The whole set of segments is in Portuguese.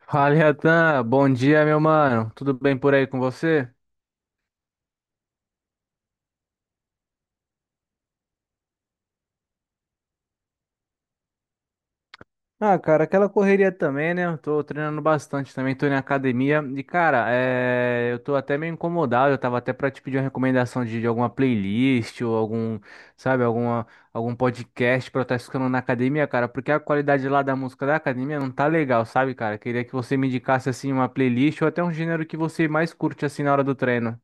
Fala, Yatan. Bom dia, meu mano. Tudo bem por aí com você? Ah, cara, aquela correria também, né? Eu tô treinando bastante também, tô na academia. E, cara, eu tô até meio incomodado. Eu tava até pra te pedir uma recomendação de alguma playlist ou algum, sabe, alguma, algum podcast pra eu estar escutando na academia, cara, porque a qualidade lá da música da academia não tá legal, sabe, cara? Queria que você me indicasse, assim, uma playlist ou até um gênero que você mais curte, assim, na hora do treino.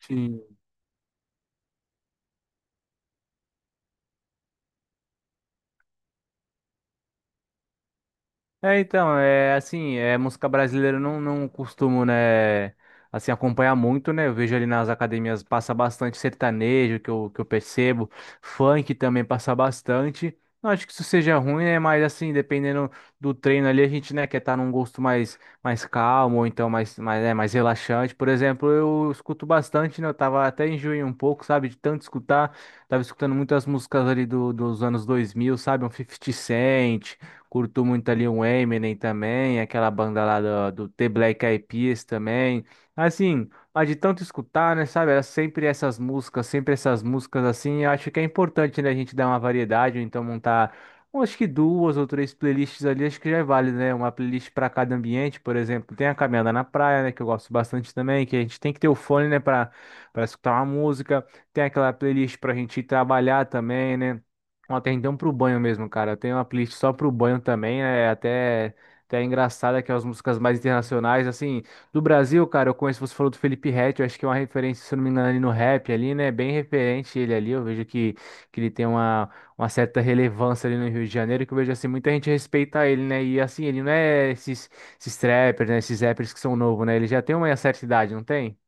Sim. É, então, é assim, é música brasileira eu não costumo, né, assim, acompanhar muito, né? Eu vejo ali nas academias passa bastante sertanejo, que eu percebo, funk também passa bastante. Não acho que isso seja ruim, né? Mas assim, dependendo do treino ali, a gente, né, quer estar num gosto mais, mais calmo, ou então mais, mais, né, mais relaxante. Por exemplo, eu escuto bastante, né? Eu tava até enjoei um pouco, sabe, de tanto escutar. Tava escutando muitas músicas ali dos anos 2000 sabe? Um 50 Cent. Curto muito ali um Eminem também, aquela banda lá do The Black Eyed Peas também. Assim, mas de tanto escutar, né, sabe? Era sempre essas músicas assim. Eu acho que é importante, né, a gente dar uma variedade, ou então montar, eu acho que duas ou três playlists ali, acho que já é válido, né? Uma playlist para cada ambiente, por exemplo. Tem a caminhada na praia, né, que eu gosto bastante também, que a gente tem que ter o fone, né, para escutar uma música. Tem aquela playlist para a gente ir trabalhar também, né? Uma atenção pro banho mesmo, cara. Eu tenho uma playlist só pro banho também, né? É até, até engraçada que é as músicas mais internacionais, assim, do Brasil, cara, eu conheço, você falou do Felipe Ret, eu acho que é uma referência, se eu não me engano, ali no rap ali, né, bem referente ele ali, eu vejo que ele tem uma certa relevância ali no Rio de Janeiro, que eu vejo, assim, muita gente respeita ele, né, e assim, ele não é esses, esses trappers, né, esses rappers que são novos, né, ele já tem uma certa idade, não tem?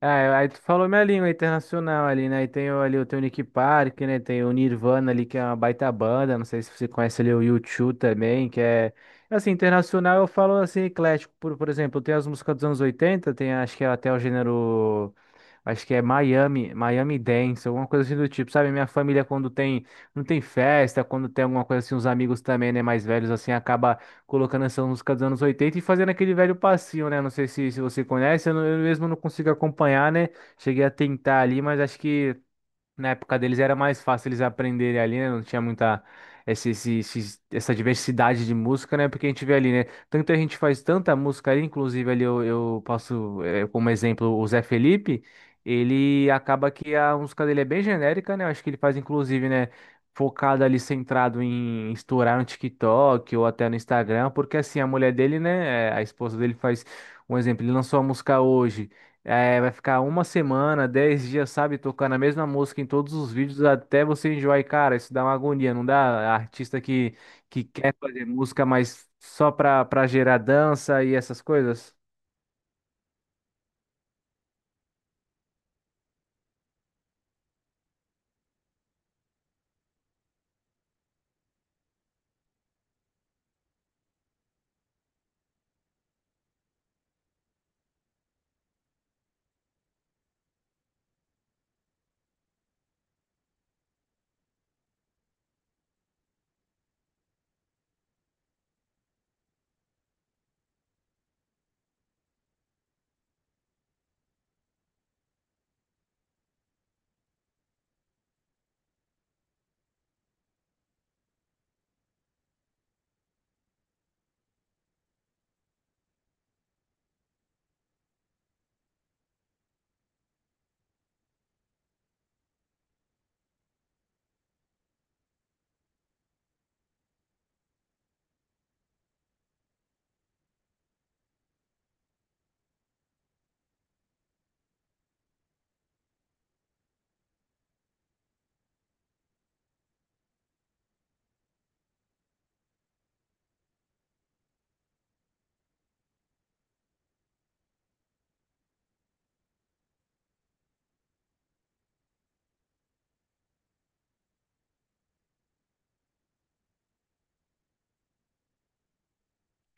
Ah, aí tu falou minha língua internacional ali, né? E tem ali tem o teu Nick Park, né? Tem o Nirvana ali, que é uma baita banda. Não sei se você conhece ali o U2 também, que é... Assim, internacional eu falo assim, eclético. Por exemplo, tem as músicas dos anos 80 tem acho que é até o gênero... Acho que é Miami, Miami Dance, alguma coisa assim do tipo, sabe? Minha família quando tem, não tem festa, quando tem alguma coisa assim, os amigos também, né, mais velhos assim, acaba colocando essa música dos anos 80 e fazendo aquele velho passinho, né? Não sei se, se você conhece, eu mesmo não consigo acompanhar, né? Cheguei a tentar ali, mas acho que na época deles era mais fácil eles aprenderem ali, né? Não tinha muita essa diversidade de música, né? Porque a gente vê ali, né? Tanta gente faz tanta música ali, inclusive ali eu posso, como exemplo, o Zé Felipe, ele acaba que a música dele é bem genérica, né? Eu acho que ele faz, inclusive, né? Focado ali, centrado em estourar no TikTok ou até no Instagram, porque assim, a mulher dele, né? A esposa dele faz um exemplo, ele lançou a música hoje. É, vai ficar uma semana, dez dias, sabe, tocando a mesma música em todos os vídeos até você enjoar. E, cara, isso dá uma agonia, não dá? Artista que quer fazer música, mas só pra gerar dança e essas coisas.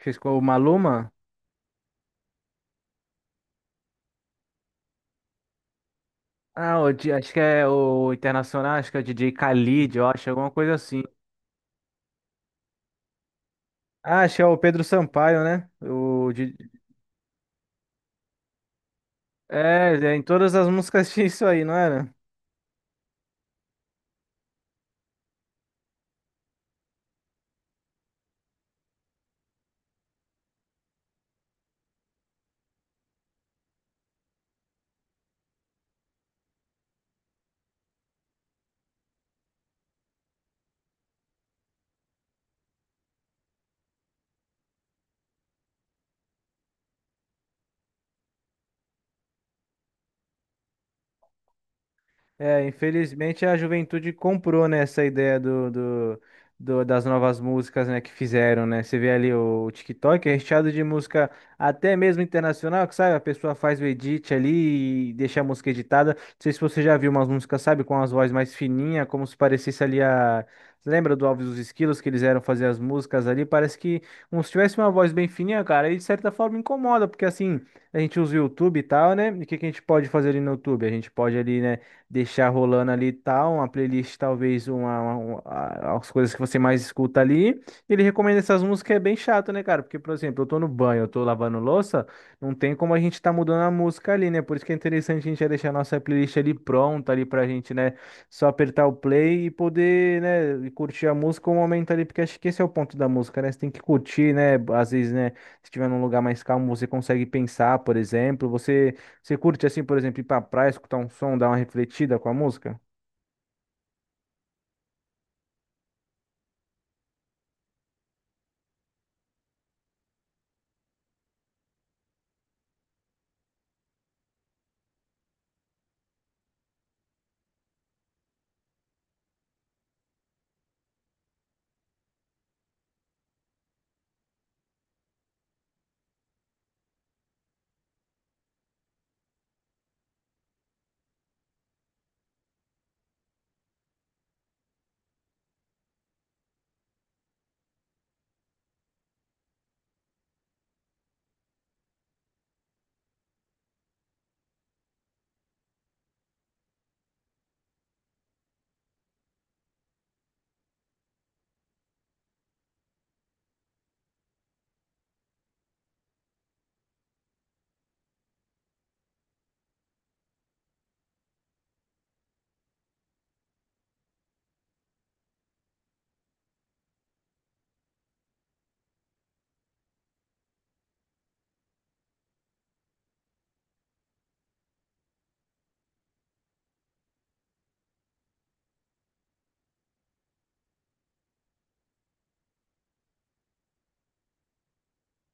Fez com o Maluma? Ah, acho que é o Internacional, acho que é o DJ Khalid, eu acho, alguma coisa assim. Ah, acho que é o Pedro Sampaio, né? É, é, em todas as músicas tinha isso aí, não era? É, infelizmente a juventude comprou, né, essa ideia das novas músicas, né, que fizeram, né? Você vê ali o TikTok é recheado de música até mesmo internacional, que sabe, a pessoa faz o edit ali e deixa a música editada. Não sei se você já viu umas músicas, sabe, com as vozes mais fininhas, como se parecesse ali a... Você lembra do Alves e os Esquilos, que eles eram fazer as músicas ali? Parece que como se tivesse uma voz bem fininha, cara, e de certa forma incomoda, porque assim, a gente usa o YouTube e tal, né? E o que que a gente pode fazer ali no YouTube? A gente pode ali, né? Deixar rolando ali e tal, uma playlist, talvez as coisas que você mais escuta ali. Ele recomenda essas músicas, é bem chato, né, cara? Porque, por exemplo, eu tô no banho, eu tô lavando louça, não tem como a gente tá mudando a música ali, né? Por isso que é interessante a gente já deixar a nossa playlist ali pronta ali pra gente, né? Só apertar o play e poder, né, e curtir a música um momento ali, porque acho que esse é o ponto da música, né? Você tem que curtir, né? Às vezes, né, se estiver num lugar mais calmo, você consegue pensar, por exemplo, você curte, assim, por exemplo, ir pra praia, escutar um som, dar uma refletida com a música?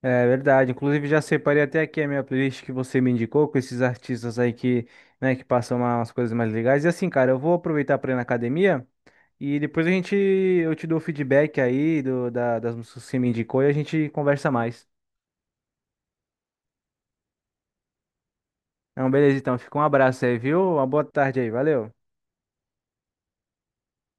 É verdade. Inclusive, já separei até aqui a minha playlist que você me indicou, com esses artistas aí que, né, que passam umas coisas mais legais. E assim, cara, eu vou aproveitar pra ir na academia e depois a gente, eu te dou o feedback aí das músicas que você me indicou e a gente conversa mais. Então, beleza, então. Fica um abraço aí, viu? Uma boa tarde aí. Valeu.